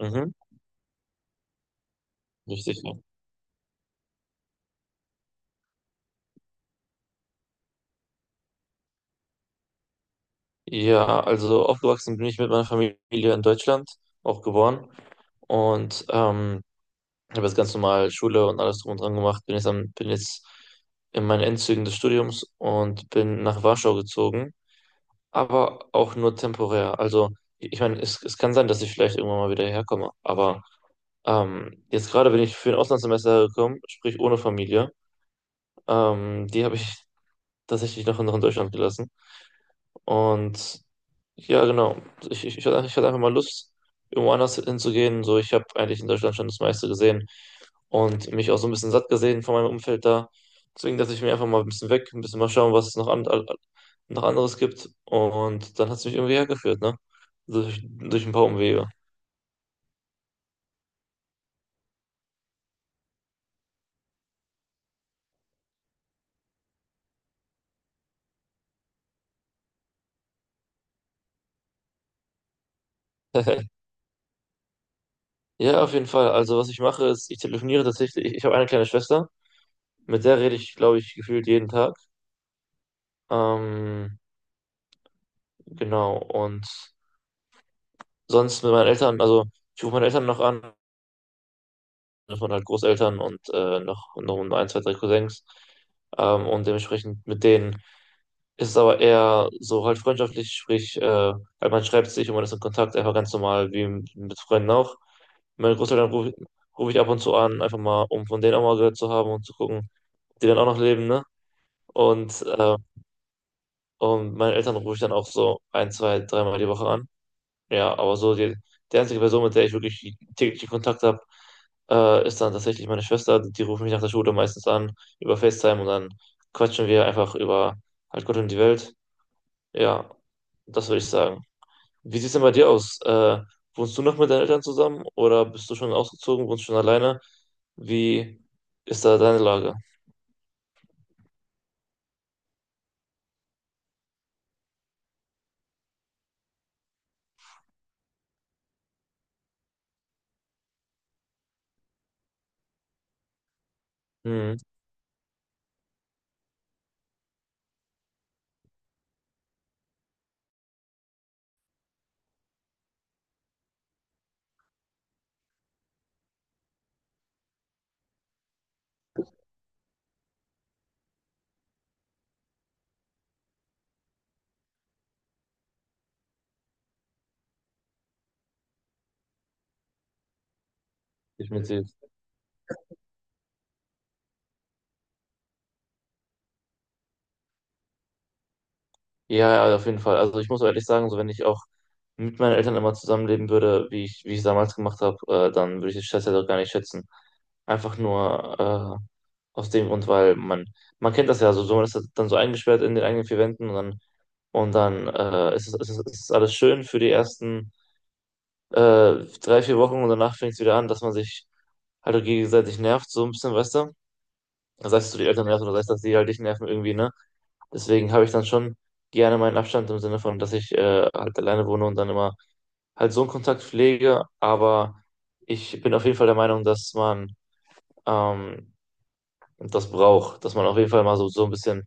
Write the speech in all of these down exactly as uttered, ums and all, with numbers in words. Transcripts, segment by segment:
Mhm, richtig. Ja, Ja, also aufgewachsen bin ich mit meiner Familie in Deutschland, auch geboren. Und ähm, habe jetzt ganz normal Schule und alles drum und dran gemacht. Bin jetzt, am, bin jetzt in meinen Endzügen des Studiums und bin nach Warschau gezogen, aber auch nur temporär. Also, ich meine, es, es kann sein, dass ich vielleicht irgendwann mal wieder herkomme, aber Ähm, jetzt gerade bin ich für ein Auslandssemester gekommen, sprich ohne Familie. Ähm, die habe ich tatsächlich noch, noch in Deutschland gelassen. Und ja, genau. Ich, ich, ich hatte ich hatte einfach mal Lust, irgendwo anders hinzugehen. So, ich habe eigentlich in Deutschland schon das meiste gesehen und mich auch so ein bisschen satt gesehen von meinem Umfeld da. Deswegen dachte ich mir einfach mal ein bisschen weg, ein bisschen mal schauen, was es noch, an, an- noch anderes gibt. Und dann hat es mich irgendwie hergeführt, ne? Durch, durch ein paar Umwege. Ja, auf jeden Fall. Also, was ich mache, ist, ich telefoniere tatsächlich. Ich habe eine kleine Schwester, mit der rede ich, glaube ich, gefühlt jeden Tag. Ähm, genau. Und sonst mit meinen Eltern, also ich rufe meine Eltern noch an, das waren halt Großeltern und äh, noch, noch ein, zwei, drei Cousins. Ähm, und dementsprechend mit denen ist es aber eher so halt freundschaftlich, sprich, äh, halt man schreibt sich und man ist in Kontakt, einfach ganz normal wie mit Freunden auch. Meine Großeltern rufe ruf ich ab und zu an, einfach mal, um von denen auch mal gehört zu haben und zu gucken, ob die dann auch noch leben, ne? Und, äh, und meine Eltern rufe ich dann auch so ein, zwei, dreimal die Woche an. Ja, aber so die, die einzige Person, mit der ich wirklich täglichen Kontakt habe, äh, ist dann tatsächlich meine Schwester. Die ruft mich nach der Schule meistens an über FaceTime und dann quatschen wir einfach über halt Gott und die Welt. Ja, das würde ich sagen. Wie sieht es denn bei dir aus? Äh, wohnst du noch mit deinen Eltern zusammen oder bist du schon ausgezogen, wohnst schon alleine? Wie ist da deine Lage? Hm, ich mit dir. Ja, ja, auf jeden Fall. Also ich muss ehrlich sagen, so wenn ich auch mit meinen Eltern immer zusammenleben würde, wie ich, wie ich es damals gemacht habe, äh, dann würde ich den Stress ja doch gar nicht schätzen. Einfach nur äh, aus dem Grund, weil man, man kennt das ja so, so man ist halt dann so eingesperrt in den eigenen vier Wänden und dann, und dann äh, ist es, ist es, ist es alles schön für die ersten äh, drei, vier Wochen und danach fängt es wieder an, dass man sich halt auch gegenseitig nervt, so ein bisschen, weißt du? Sei es, dass du die Eltern nervst oder sei es, dass die halt dich nerven irgendwie, ne? Deswegen habe ich dann schon gerne meinen Abstand im Sinne von, dass ich äh, halt alleine wohne und dann immer halt so einen Kontakt pflege. Aber ich bin auf jeden Fall der Meinung, dass man ähm, das braucht, dass man auf jeden Fall mal so, so ein bisschen,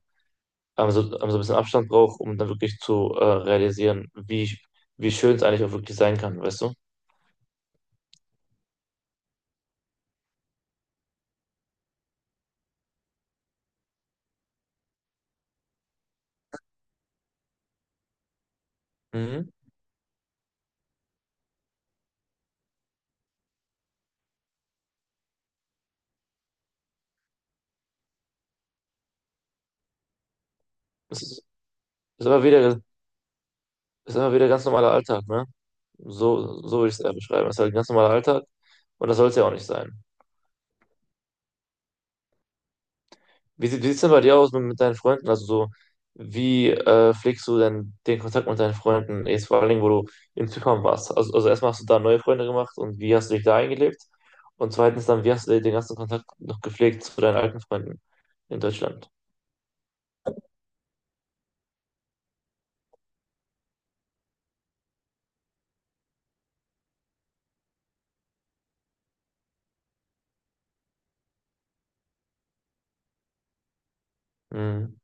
ähm, so, ähm, so ein bisschen Abstand braucht, um dann wirklich zu äh, realisieren, wie, wie schön es eigentlich auch wirklich sein kann, weißt du? Mhm. Es ist, ist immer wieder, ist immer wieder ganz normaler Alltag, ne? So, so würde ich es eher beschreiben. Es ist halt ein ganz normaler Alltag und das soll es ja auch nicht sein. Wie, sie- wie sieht es denn bei dir aus mit, mit deinen Freunden? Also so, wie äh, pflegst du denn den Kontakt mit deinen Freunden? Jetzt vor allen Dingen, wo du in Zypern warst. Also, also erstmal hast du da neue Freunde gemacht und wie hast du dich da eingelebt? Und zweitens dann, wie hast du den ganzen Kontakt noch gepflegt zu deinen alten Freunden in Deutschland? Mhm.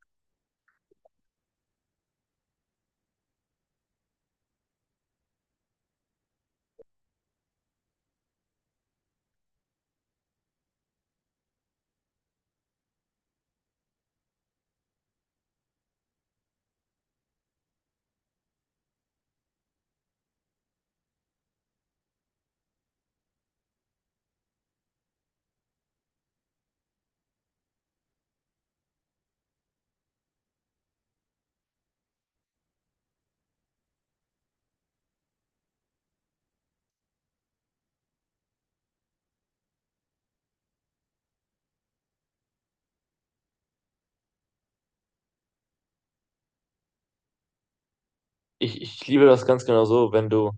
Ich, ich liebe das ganz genau so, wenn du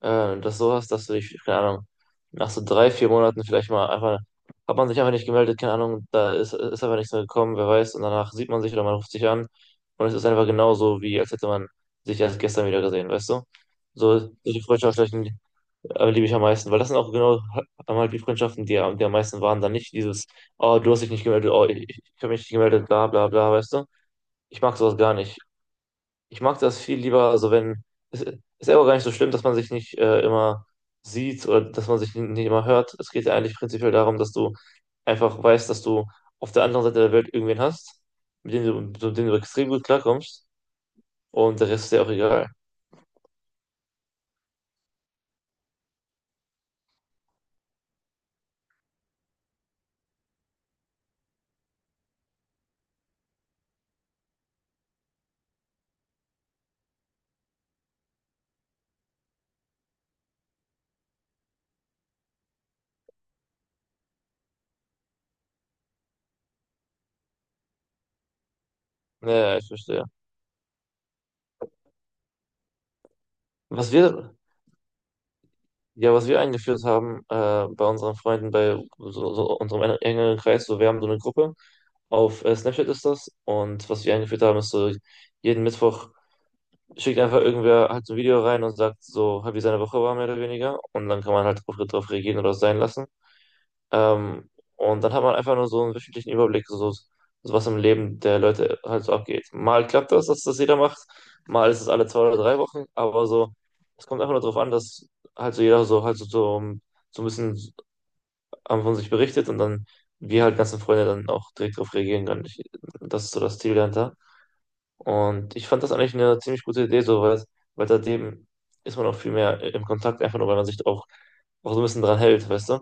Äh, dass sowas, dass du dich, keine Ahnung, nach so drei, vier Monaten vielleicht mal einfach, hat man sich einfach nicht gemeldet, keine Ahnung, da ist, ist einfach nichts mehr gekommen, wer weiß, und danach sieht man sich oder man ruft sich an und es ist einfach genauso, wie als hätte man sich erst gestern wieder gesehen, weißt du? So, solche Freundschaften äh, liebe ich am meisten, weil das sind auch genau einmal die Freundschaften, die, am- die am meisten waren, dann nicht dieses, oh, du hast dich nicht gemeldet, oh, ich, ich habe mich nicht gemeldet, bla bla bla, weißt du? Ich mag sowas gar nicht. Ich mag das viel lieber, also wenn, es ist ja auch gar nicht so schlimm, dass man sich nicht äh, immer sieht oder dass man sich nicht immer hört. Es geht ja eigentlich prinzipiell darum, dass du einfach weißt, dass du auf der anderen Seite der Welt irgendwen hast, mit dem du, mit dem du extrem gut klarkommst und der Rest ist ja auch egal. Naja, ich verstehe. Was wir, ja, was wir eingeführt haben äh, bei unseren Freunden, bei so, so unserem en- engeren Kreis, so wir haben so eine Gruppe, auf äh, Snapchat ist das und was wir eingeführt haben, ist so jeden Mittwoch schickt einfach irgendwer halt so ein Video rein und sagt so, halt, wie seine Woche war, mehr oder weniger. Und dann kann man halt drauf, drauf reagieren oder es sein lassen. Ähm, und dann hat man einfach nur so einen wöchentlichen Überblick, so, so so was im Leben der Leute halt so abgeht. Mal klappt das, dass das jeder macht, mal ist es alle zwei oder drei Wochen, aber so, es kommt einfach nur darauf an, dass halt so jeder so halt so, so, um, so ein bisschen am- von sich berichtet und dann wir halt ganzen Freunde dann auch direkt drauf reagieren können. Ich, das ist so das Ziel dahinter. Und ich fand das eigentlich eine ziemlich gute Idee, so, weil, weil seitdem ist man auch viel mehr im Kontakt, einfach nur, weil man sich auch, auch so ein bisschen dran hält, weißt du?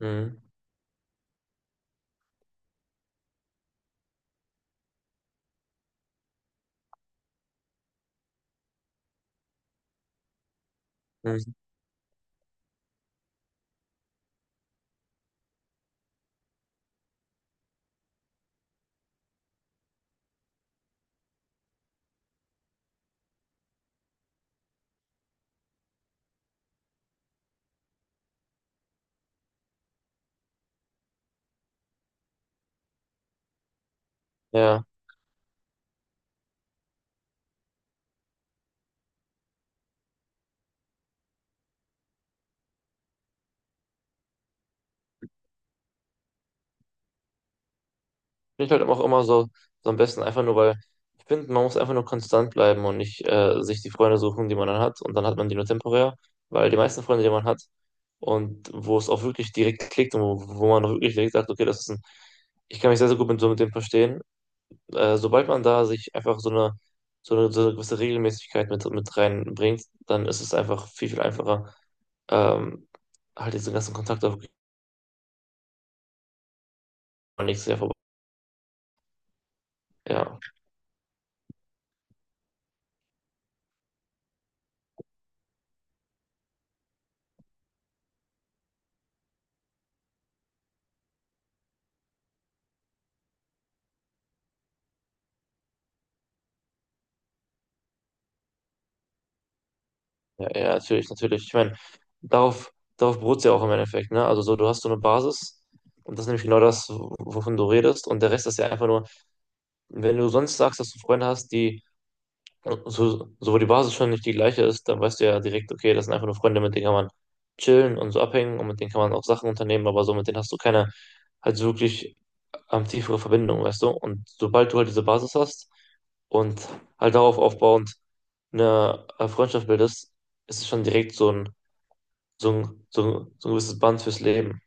Mhm. Mhm. Ja, finde ich halt auch immer so, so am besten, einfach nur, weil ich finde, man muss einfach nur konstant bleiben und nicht äh, sich die Freunde suchen, die man dann hat und dann hat man die nur temporär, weil die meisten Freunde, die man hat und wo es auch wirklich direkt klickt und wo, wo man auch wirklich direkt sagt, okay, das ist ein, ich kann mich sehr, sehr gut mit so mit dem verstehen äh, sobald man da sich einfach so eine, so eine, so eine gewisse Regelmäßigkeit mit, mit, reinbringt, dann ist es einfach viel, viel einfacher, ähm, halt diesen ganzen Kontakt auf nächstes Jahr vorbei. Ja, ja, ja, natürlich, natürlich. Ich meine, darauf, darauf beruht es ja auch im Endeffekt, ne? Also so, du hast so eine Basis und das ist nämlich genau das, wovon du redest. Und der Rest ist ja einfach nur, wenn du sonst sagst, dass du Freunde hast, die Und So, so, wo die Basis schon nicht die gleiche ist, dann weißt du ja direkt, okay, das sind einfach nur Freunde, mit denen kann man chillen und so abhängen und mit denen kann man auch Sachen unternehmen, aber so mit denen hast du keine halt so wirklich ähm, tiefere Verbindung, weißt du? Und sobald du halt diese Basis hast und halt darauf aufbauend eine äh, Freundschaft bildest, ist es schon direkt so ein, so ein, so ein, so ein gewisses Band fürs Leben.